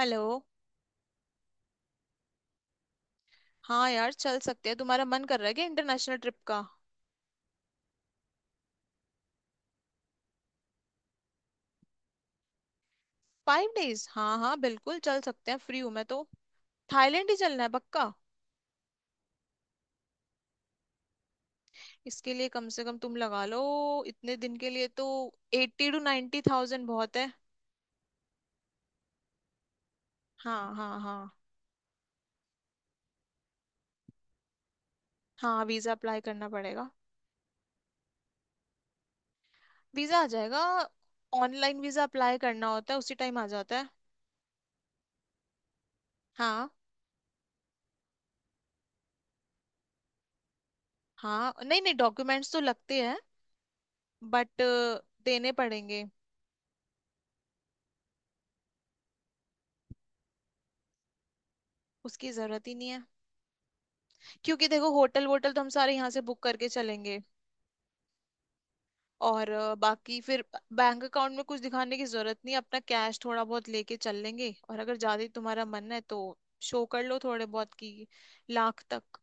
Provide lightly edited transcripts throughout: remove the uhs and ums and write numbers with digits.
Hello. हाँ यार, चल सकते हैं। तुम्हारा मन कर रहा है क्या इंटरनेशनल ट्रिप का? फाइव डेज, हाँ हाँ, बिल्कुल चल सकते हैं, फ्री हूँ मैं तो। थाईलैंड ही चलना है पक्का? इसके लिए कम से कम तुम लगा लो, इतने दिन के लिए तो 80 to 90 थाउजेंड बहुत है। हाँ हाँ हाँ। हाँ वीजा अप्लाई करना पड़ेगा। वीजा आ जाएगा, ऑनलाइन वीजा अप्लाई करना होता है, उसी टाइम आ जाता है। हाँ। हाँ नहीं नहीं, डॉक्यूमेंट्स तो लगते हैं बट देने पड़ेंगे। उसकी जरूरत ही नहीं है, क्योंकि देखो होटल वोटल तो हम सारे यहाँ से बुक करके चलेंगे। और बाकी फिर बैंक अकाउंट में कुछ दिखाने की जरूरत नहीं। अपना कैश थोड़ा बहुत लेके चल लेंगे, और अगर ज्यादा ही तुम्हारा मन है तो शो कर लो थोड़े बहुत की, लाख तक।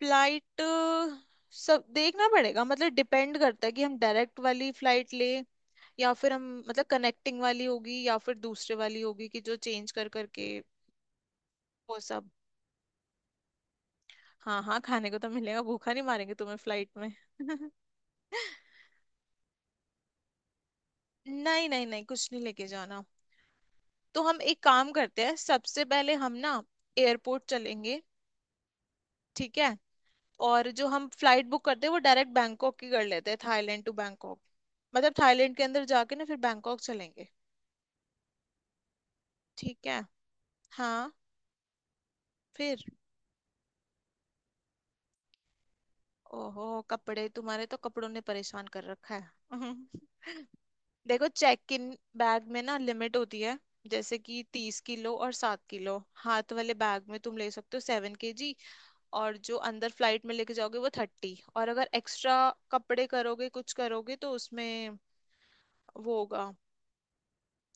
फ्लाइट सब देखना पड़ेगा, मतलब डिपेंड करता है कि हम डायरेक्ट वाली फ्लाइट ले, या फिर हम मतलब कनेक्टिंग वाली होगी, या फिर दूसरे वाली होगी कि जो चेंज कर करके वो सब। हाँ हाँ, खाने को तो मिलेगा, भूखा नहीं मारेंगे तुम्हें फ्लाइट में। नहीं नहीं नहीं, कुछ नहीं लेके जाना। तो हम एक काम करते हैं, सबसे पहले हम ना एयरपोर्ट चलेंगे, ठीक है। और जो हम फ्लाइट बुक करते हैं वो डायरेक्ट बैंकॉक की कर लेते हैं, थाईलैंड टू बैंकॉक। मतलब थाईलैंड के अंदर जाके ना फिर बैंकॉक चलेंगे। ठीक है। हाँ। फिर ओहो, कपड़े तुम्हारे, तो कपड़ों ने परेशान कर रखा है। देखो, चेक इन बैग में ना लिमिट होती है। जैसे कि 30 किलो और 7 किलो हाथ वाले बैग में तुम ले सकते हो, 7 केजी। और जो अंदर फ्लाइट में लेके जाओगे वो 30, और अगर एक्स्ट्रा कपड़े करोगे, कुछ करोगे तो उसमें वो होगा,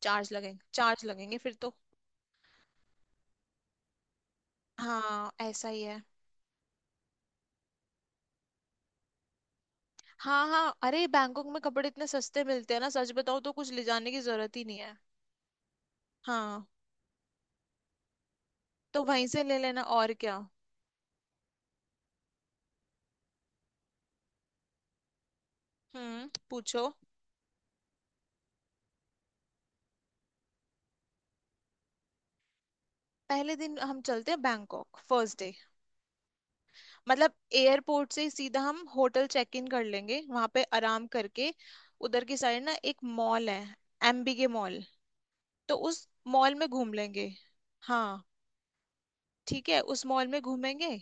चार्ज लगेंगे, चार्ज लगेंगे फिर तो। हाँ ऐसा ही है। हाँ हाँ, अरे बैंकॉक में कपड़े इतने सस्ते मिलते हैं ना, सच बताओ तो कुछ ले जाने की जरूरत ही नहीं है। हाँ। तो वहीं से ले लेना, और क्या। हम्म, पूछो। पहले दिन हम चलते हैं बैंकॉक, फर्स्ट डे। मतलब एयरपोर्ट से ही सीधा हम होटल चेक इन कर लेंगे, वहां पे आराम करके उधर की साइड ना एक मॉल है, एमबीके मॉल। तो उस मॉल में घूम लेंगे। हाँ, ठीक है, उस मॉल में घूमेंगे।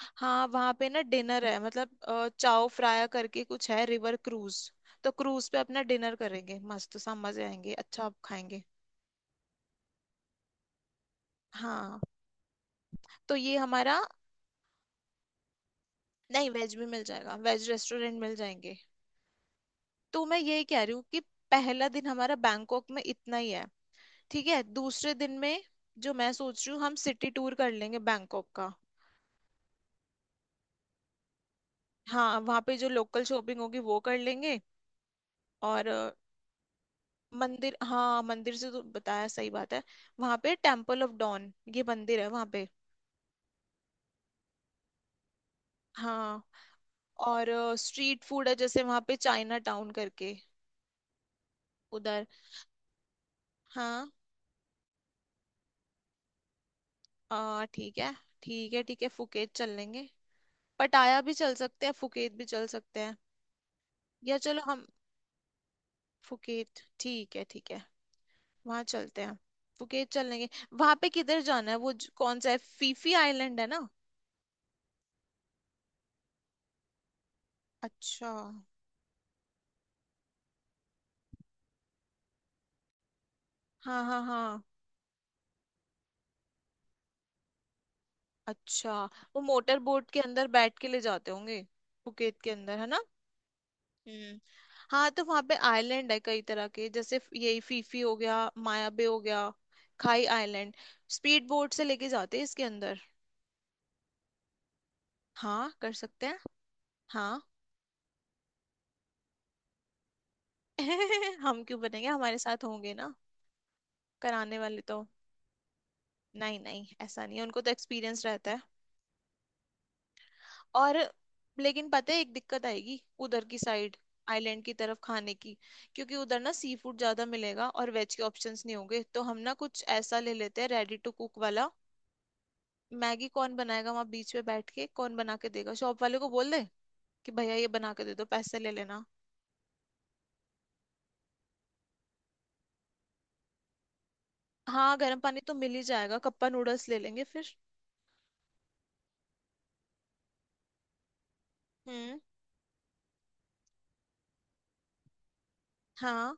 हाँ वहाँ पे ना डिनर है, मतलब चाओ फ्राया करके कुछ है, रिवर क्रूज। तो क्रूज पे अपना डिनर करेंगे, मस्त सा, मजे आएंगे, अच्छा खाएंगे। हाँ तो ये हमारा। नहीं वेज भी मिल जाएगा, वेज रेस्टोरेंट मिल जाएंगे। तो मैं यही कह रही हूँ कि पहला दिन हमारा बैंकॉक में इतना ही है। ठीक है, दूसरे दिन में जो मैं सोच रही हूँ, हम सिटी टूर कर लेंगे बैंकॉक का। हाँ वहाँ पे जो लोकल शॉपिंग होगी वो कर लेंगे। और मंदिर, हाँ, मंदिर से तो बताया, सही बात है। वहां पे टेम्पल ऑफ डॉन, ये मंदिर है वहां पे। हाँ। और स्ट्रीट फूड है, जैसे वहां पे चाइना टाउन करके, उधर। हाँ। ठीक है। ठीक है ठीक है, फुकेत चल लेंगे। पटाया भी चल सकते हैं, फुकेत भी चल सकते हैं। या चलो हम, फुकेत, ठीक है ठीक है, वहां चलते हैं, फुकेत चल लेंगे। वहां पे किधर जाना है वो कौन सा है, फीफी आइलैंड है ना। अच्छा। हाँ हाँ हाँ। अच्छा, वो मोटर बोट के अंदर बैठ के ले जाते होंगे। बुकेत के अंदर है ना। हम्म। हाँ तो वहां पे आइलैंड है कई तरह के, जैसे यही फीफी हो गया, मायाबे हो गया, खाई आइलैंड। स्पीड बोट से लेके जाते हैं इसके अंदर। हाँ कर सकते हैं। हाँ। हम क्यों बनेंगे, हमारे साथ होंगे ना कराने वाले तो। नहीं नहीं, ऐसा नहीं है, उनको तो एक्सपीरियंस रहता है। और लेकिन पता है, एक दिक्कत आएगी उधर की साइड, आइलैंड की तरफ, खाने की। क्योंकि उधर ना सी फूड ज्यादा मिलेगा और वेज के ऑप्शंस नहीं होंगे, तो हम ना कुछ ऐसा ले लेते हैं रेडी टू कुक वाला। मैगी कौन बनाएगा वहां, बीच में बैठ के कौन बना के देगा? शॉप वाले को बोल दे कि भैया ये बना के दे दो, पैसे ले लेना। हाँ गर्म पानी तो मिल ही जाएगा, कप्पा नूडल्स ले लेंगे फिर। हम्म। हाँ।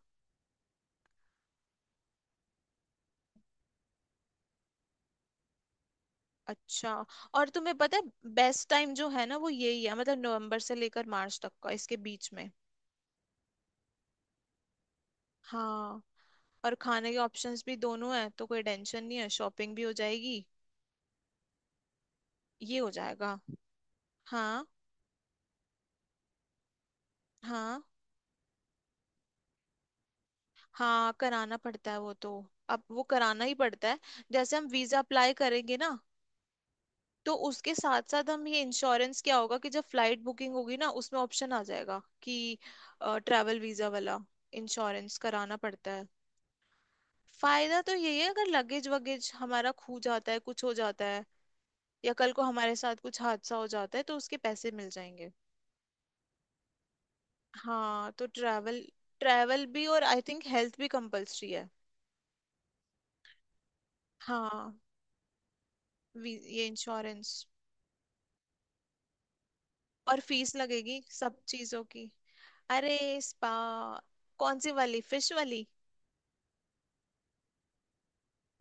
अच्छा। और तुम्हें पता है, बेस्ट टाइम जो है ना वो यही है, मतलब नवंबर से लेकर मार्च तक का, इसके बीच में। हाँ और खाने के ऑप्शंस भी दोनों हैं, तो कोई टेंशन नहीं है, शॉपिंग भी हो जाएगी, ये हो जाएगा। हाँ। हाँ हाँ, कराना पड़ता है वो तो, अब वो कराना ही पड़ता है। जैसे हम वीजा अप्लाई करेंगे ना, तो उसके साथ साथ हम ये इंश्योरेंस, क्या होगा कि जब फ्लाइट बुकिंग होगी ना, उसमें ऑप्शन आ जाएगा कि ट्रैवल वीजा वाला इंश्योरेंस कराना पड़ता है। फायदा तो यही है, अगर लगेज वगेज हमारा खो जाता है, कुछ हो जाता है, या कल को हमारे साथ कुछ हादसा हो जाता है, तो उसके पैसे मिल जाएंगे। हाँ तो ट्रैवल, ट्रैवल भी और आई थिंक हेल्थ भी कंपलसरी है। हाँ ये इंश्योरेंस। और फीस लगेगी सब चीजों की। अरे, स्पा, कौन सी वाली, फिश वाली?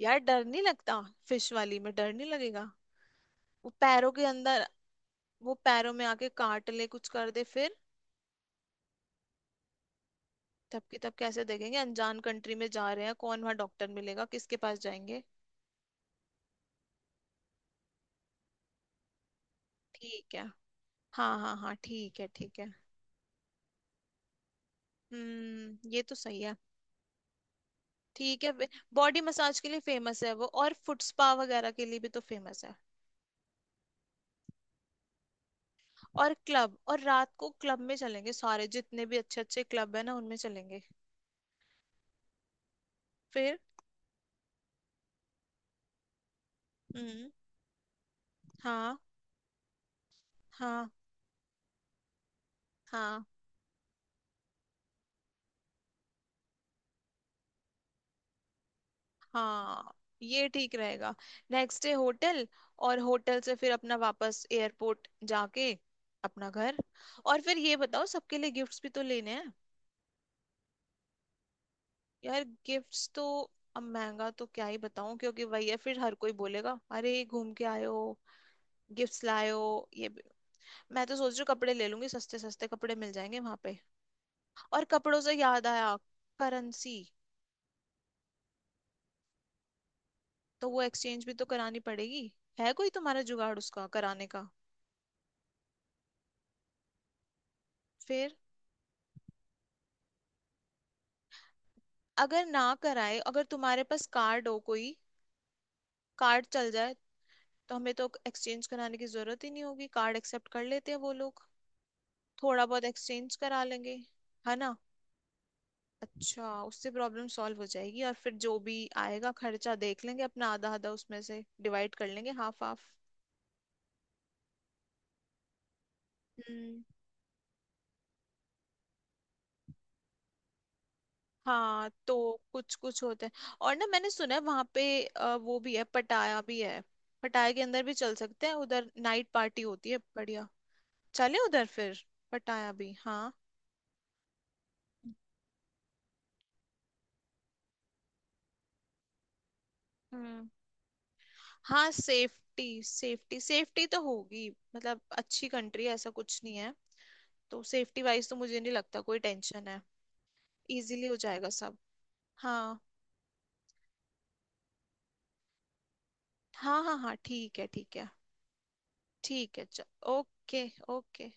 यार डर नहीं लगता? फिश वाली में डर नहीं लगेगा? वो पैरों के अंदर, वो पैरों में आके काट ले, कुछ कर दे फिर। तब की तब कैसे देखेंगे, अनजान कंट्री में जा रहे हैं, कौन वहां डॉक्टर मिलेगा, किसके पास जाएंगे? ठीक है। हाँ हाँ हाँ, ठीक है ठीक है। हम्म, ये तो सही है। ठीक है। बॉडी मसाज के लिए फेमस है वो, और फुट स्पा वगैरह के लिए भी तो फेमस है। और क्लब, और रात को क्लब में चलेंगे, सारे जितने भी अच्छे अच्छे क्लब है ना, उनमें चलेंगे। फिर। हम्म। हाँ। हाँ हाँ। हाँ, ये ठीक रहेगा। नेक्स्ट डे होटल, और होटल से फिर अपना वापस एयरपोर्ट जाके अपना घर। और फिर ये बताओ, सबके लिए गिफ्ट्स भी तो लेने हैं। यार गिफ्ट्स तो, अब महंगा तो क्या ही बताऊं, क्योंकि वही है फिर, हर कोई बोलेगा अरे घूम के आए हो, गिफ्ट्स लायो। ये भी- मैं तो सोच रही हूँ कपड़े ले लूंगी, सस्ते सस्ते कपड़े मिल जाएंगे वहां पे। और कपड़ों से याद आया, करेंसी, तो वो एक्सचेंज भी तो करानी पड़ेगी। है कोई तुम्हारा जुगाड़ उसका कराने का? फिर? अगर ना कराए, अगर तुम्हारे पास कार्ड हो कोई, कार्ड चल जाए, तो हमें तो एक्सचेंज कराने की जरूरत ही नहीं होगी, कार्ड एक्सेप्ट कर लेते हैं वो लोग। थोड़ा बहुत एक्सचेंज करा लेंगे, है ना। अच्छा, उससे प्रॉब्लम सॉल्व हो जाएगी, और फिर जो भी आएगा खर्चा देख लेंगे अपना, आधा आधा उसमें से डिवाइड कर लेंगे, हाफ हाफ। हम्म। हाँ तो कुछ कुछ होते हैं। और ना मैंने सुना है वहां पे, वो भी है, पटाया भी है। पटाया के अंदर भी चल सकते हैं, उधर नाइट पार्टी होती है बढ़िया। चले उधर फिर, पटाया भी, हाँ। हम्म। हाँ, सेफ्टी सेफ्टी सेफ्टी तो होगी। मतलब अच्छी कंट्री है, ऐसा कुछ नहीं है। तो सेफ्टी वाइज तो मुझे नहीं लगता कोई टेंशन है। इजीली हो जाएगा सब। हाँ हाँ हाँ। हाँ ठीक है, ठीक है। ठीक है चल। ओके। ओके।